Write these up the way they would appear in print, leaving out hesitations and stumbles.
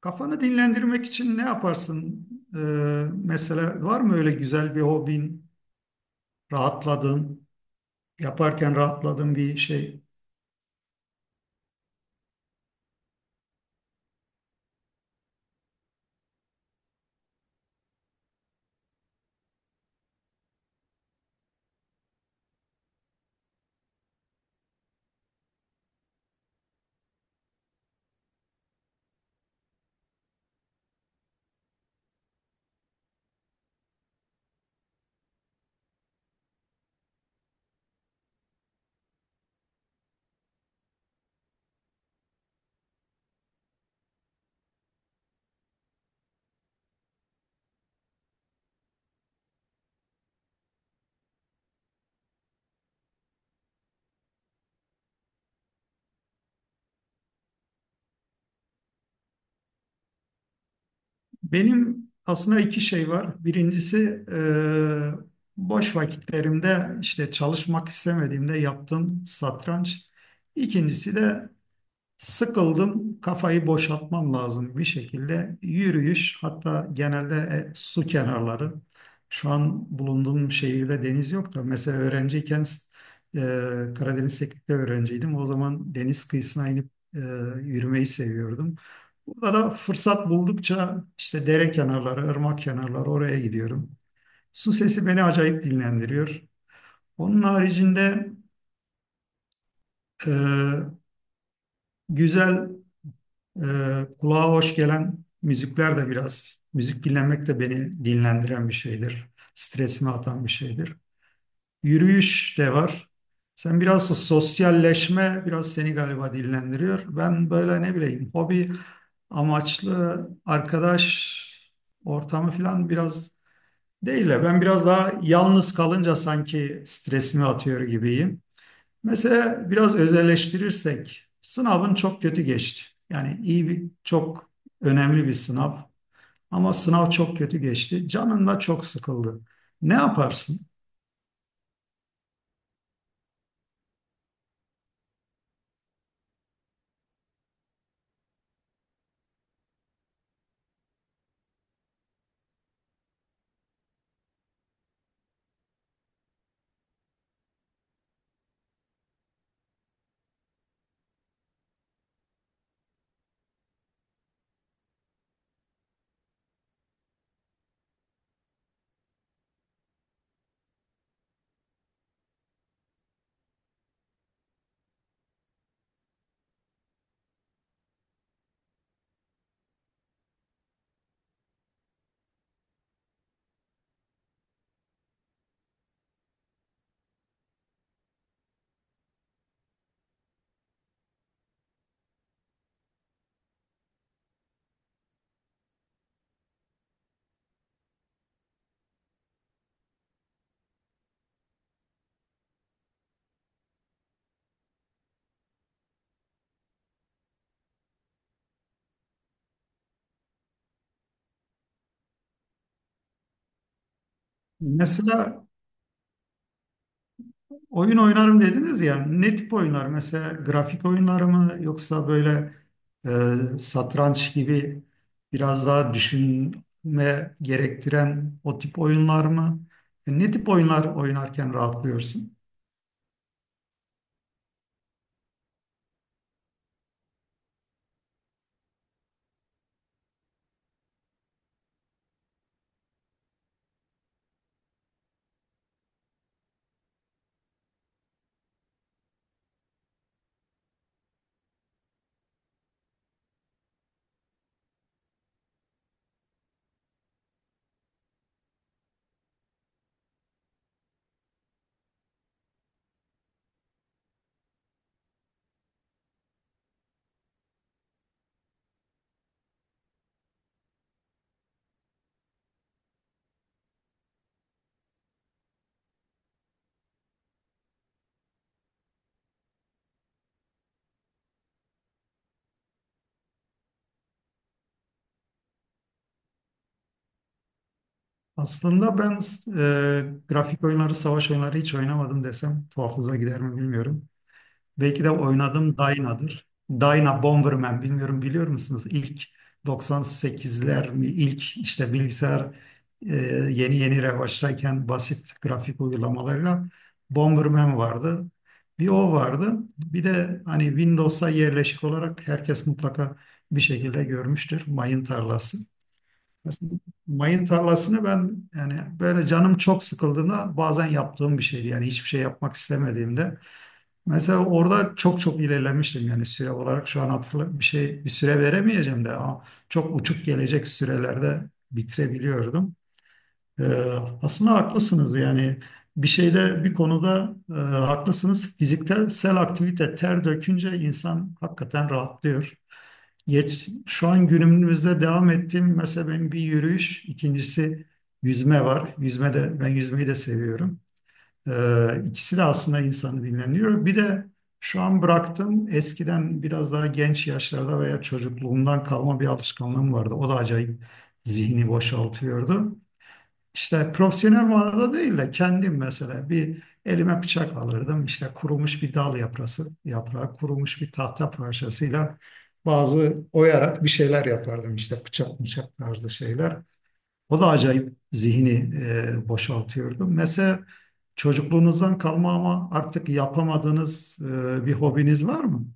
Kafanı dinlendirmek için ne yaparsın? Mesela var mı öyle güzel bir hobin, rahatladığın, yaparken rahatladığın bir şey? Benim aslında iki şey var. Birincisi boş vakitlerimde işte çalışmak istemediğimde yaptığım satranç. İkincisi de sıkıldım, kafayı boşaltmam lazım bir şekilde. Yürüyüş, hatta genelde su kenarları. Şu an bulunduğum şehirde deniz yok da mesela öğrenciyken e, Karadeniz Teknik'te öğrenciydim. O zaman deniz kıyısına inip e, yürümeyi seviyordum. Burada da fırsat buldukça işte dere kenarları, ırmak kenarları oraya gidiyorum. Su sesi beni acayip dinlendiriyor. Onun haricinde e, güzel kulağa hoş gelen müzikler de biraz, müzik dinlemek de beni dinlendiren bir şeydir. Stresimi atan bir şeydir. Yürüyüş de var. Sen biraz sosyalleşme biraz seni galiba dinlendiriyor. Ben böyle ne bileyim hobi amaçlı arkadaş ortamı falan biraz değil de ben biraz daha yalnız kalınca sanki stresimi atıyor gibiyim. Mesela biraz özelleştirirsek sınavın çok kötü geçti. Yani iyi bir çok önemli bir sınav ama sınav çok kötü geçti. Canın da çok sıkıldı. Ne yaparsın? Mesela oyun oynarım dediniz ya, ne tip oyunlar? Mesela grafik oyunları mı yoksa böyle satranç gibi biraz daha düşünme gerektiren o tip oyunlar mı? Ne tip oyunlar oynarken rahatlıyorsun? Aslında ben grafik oyunları, savaş oyunları hiç oynamadım desem tuhafınıza gider mi bilmiyorum. Belki de oynadım Dyna'dır. Dyna Bomberman, bilmiyorum biliyor musunuz? İlk 98'ler mi? İlk işte bilgisayar e, yeni yeni revaçtayken basit grafik uygulamalarla Bomberman vardı. Bir o vardı. Bir de hani Windows'a yerleşik olarak herkes mutlaka bir şekilde görmüştür, mayın tarlası. Mesela mayın tarlasını ben yani böyle canım çok sıkıldığında bazen yaptığım bir şeydi. Yani hiçbir şey yapmak istemediğimde. Mesela orada çok çok ilerlemiştim, yani süre olarak şu an hatırla bir şey bir süre veremeyeceğim de ama çok uçuk gelecek sürelerde bitirebiliyordum. Ee, aslında haklısınız yani bir şeyde bir konuda haklısınız. Fiziksel aktivite, ter dökünce insan hakikaten rahatlıyor. Geç, şu an günümüzde devam ettiğim mesela benim bir yürüyüş, ikincisi yüzme var. Yüzme de, ben yüzmeyi de seviyorum. İkisi de aslında insanı dinlendiriyor. Bir de şu an bıraktım. Eskiden biraz daha genç yaşlarda veya çocukluğumdan kalma bir alışkanlığım vardı. O da acayip zihni boşaltıyordu. İşte profesyonel manada değil de kendim mesela bir elime bıçak alırdım. İşte kurumuş bir dal yaprası, yaprağı, kurumuş bir tahta parçasıyla bazı oyarak bir şeyler yapardım. İşte bıçak bıçak tarzı şeyler. O da acayip zihni boşaltıyordu. Mesela çocukluğunuzdan kalma ama artık yapamadığınız bir hobiniz var mı?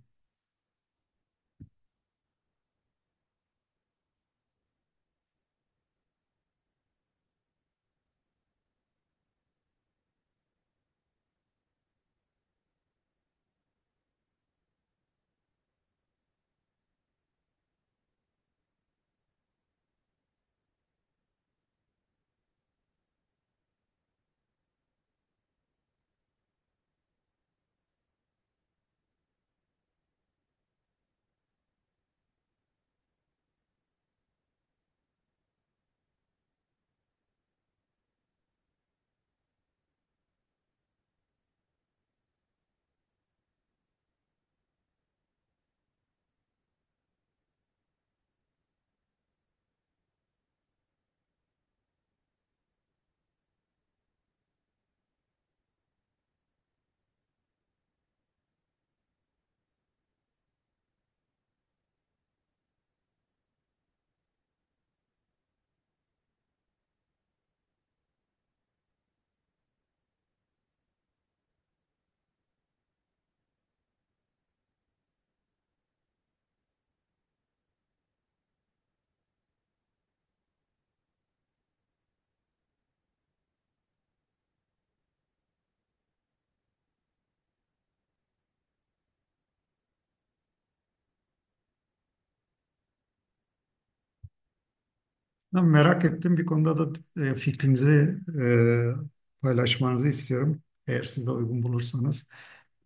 Ben merak ettim. Bir konuda da fikrinizi paylaşmanızı istiyorum. Eğer siz de uygun bulursanız.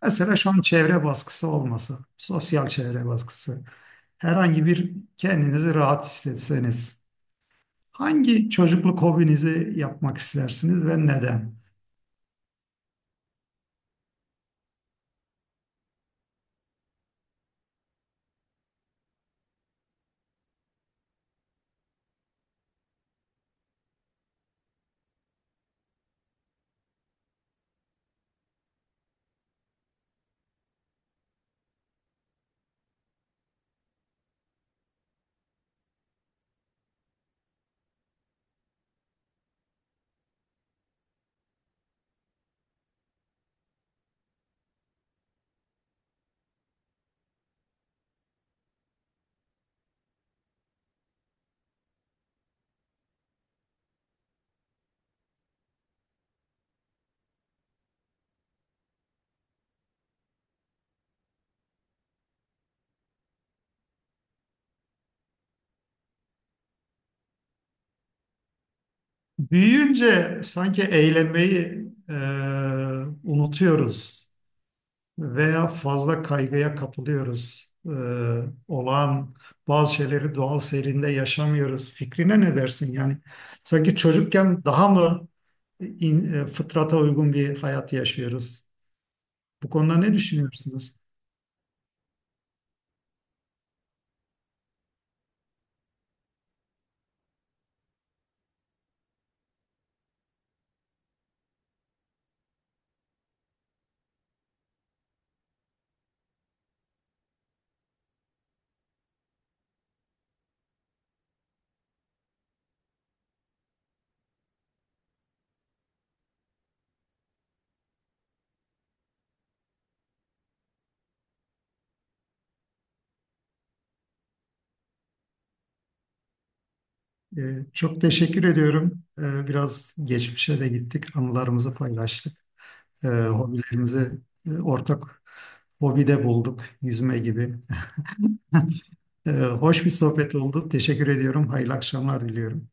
Mesela şu an çevre baskısı olması, sosyal çevre baskısı. Herhangi bir kendinizi rahat hissetseniz, hangi çocukluk hobinizi yapmak istersiniz ve neden? Büyüyünce sanki eğlenmeyi unutuyoruz veya fazla kaygıya kapılıyoruz. Olağan bazı şeyleri doğal seyrinde yaşamıyoruz. Fikrine ne dersin? Yani sanki çocukken daha mı fıtrata uygun bir hayat yaşıyoruz? Bu konuda ne düşünüyorsunuz? Ee, çok teşekkür ediyorum. Biraz geçmişe de gittik, anılarımızı paylaştık. Hobilerimizi ortak hobide bulduk, yüzme gibi. Hoş bir sohbet oldu. Teşekkür ediyorum. Hayırlı akşamlar diliyorum.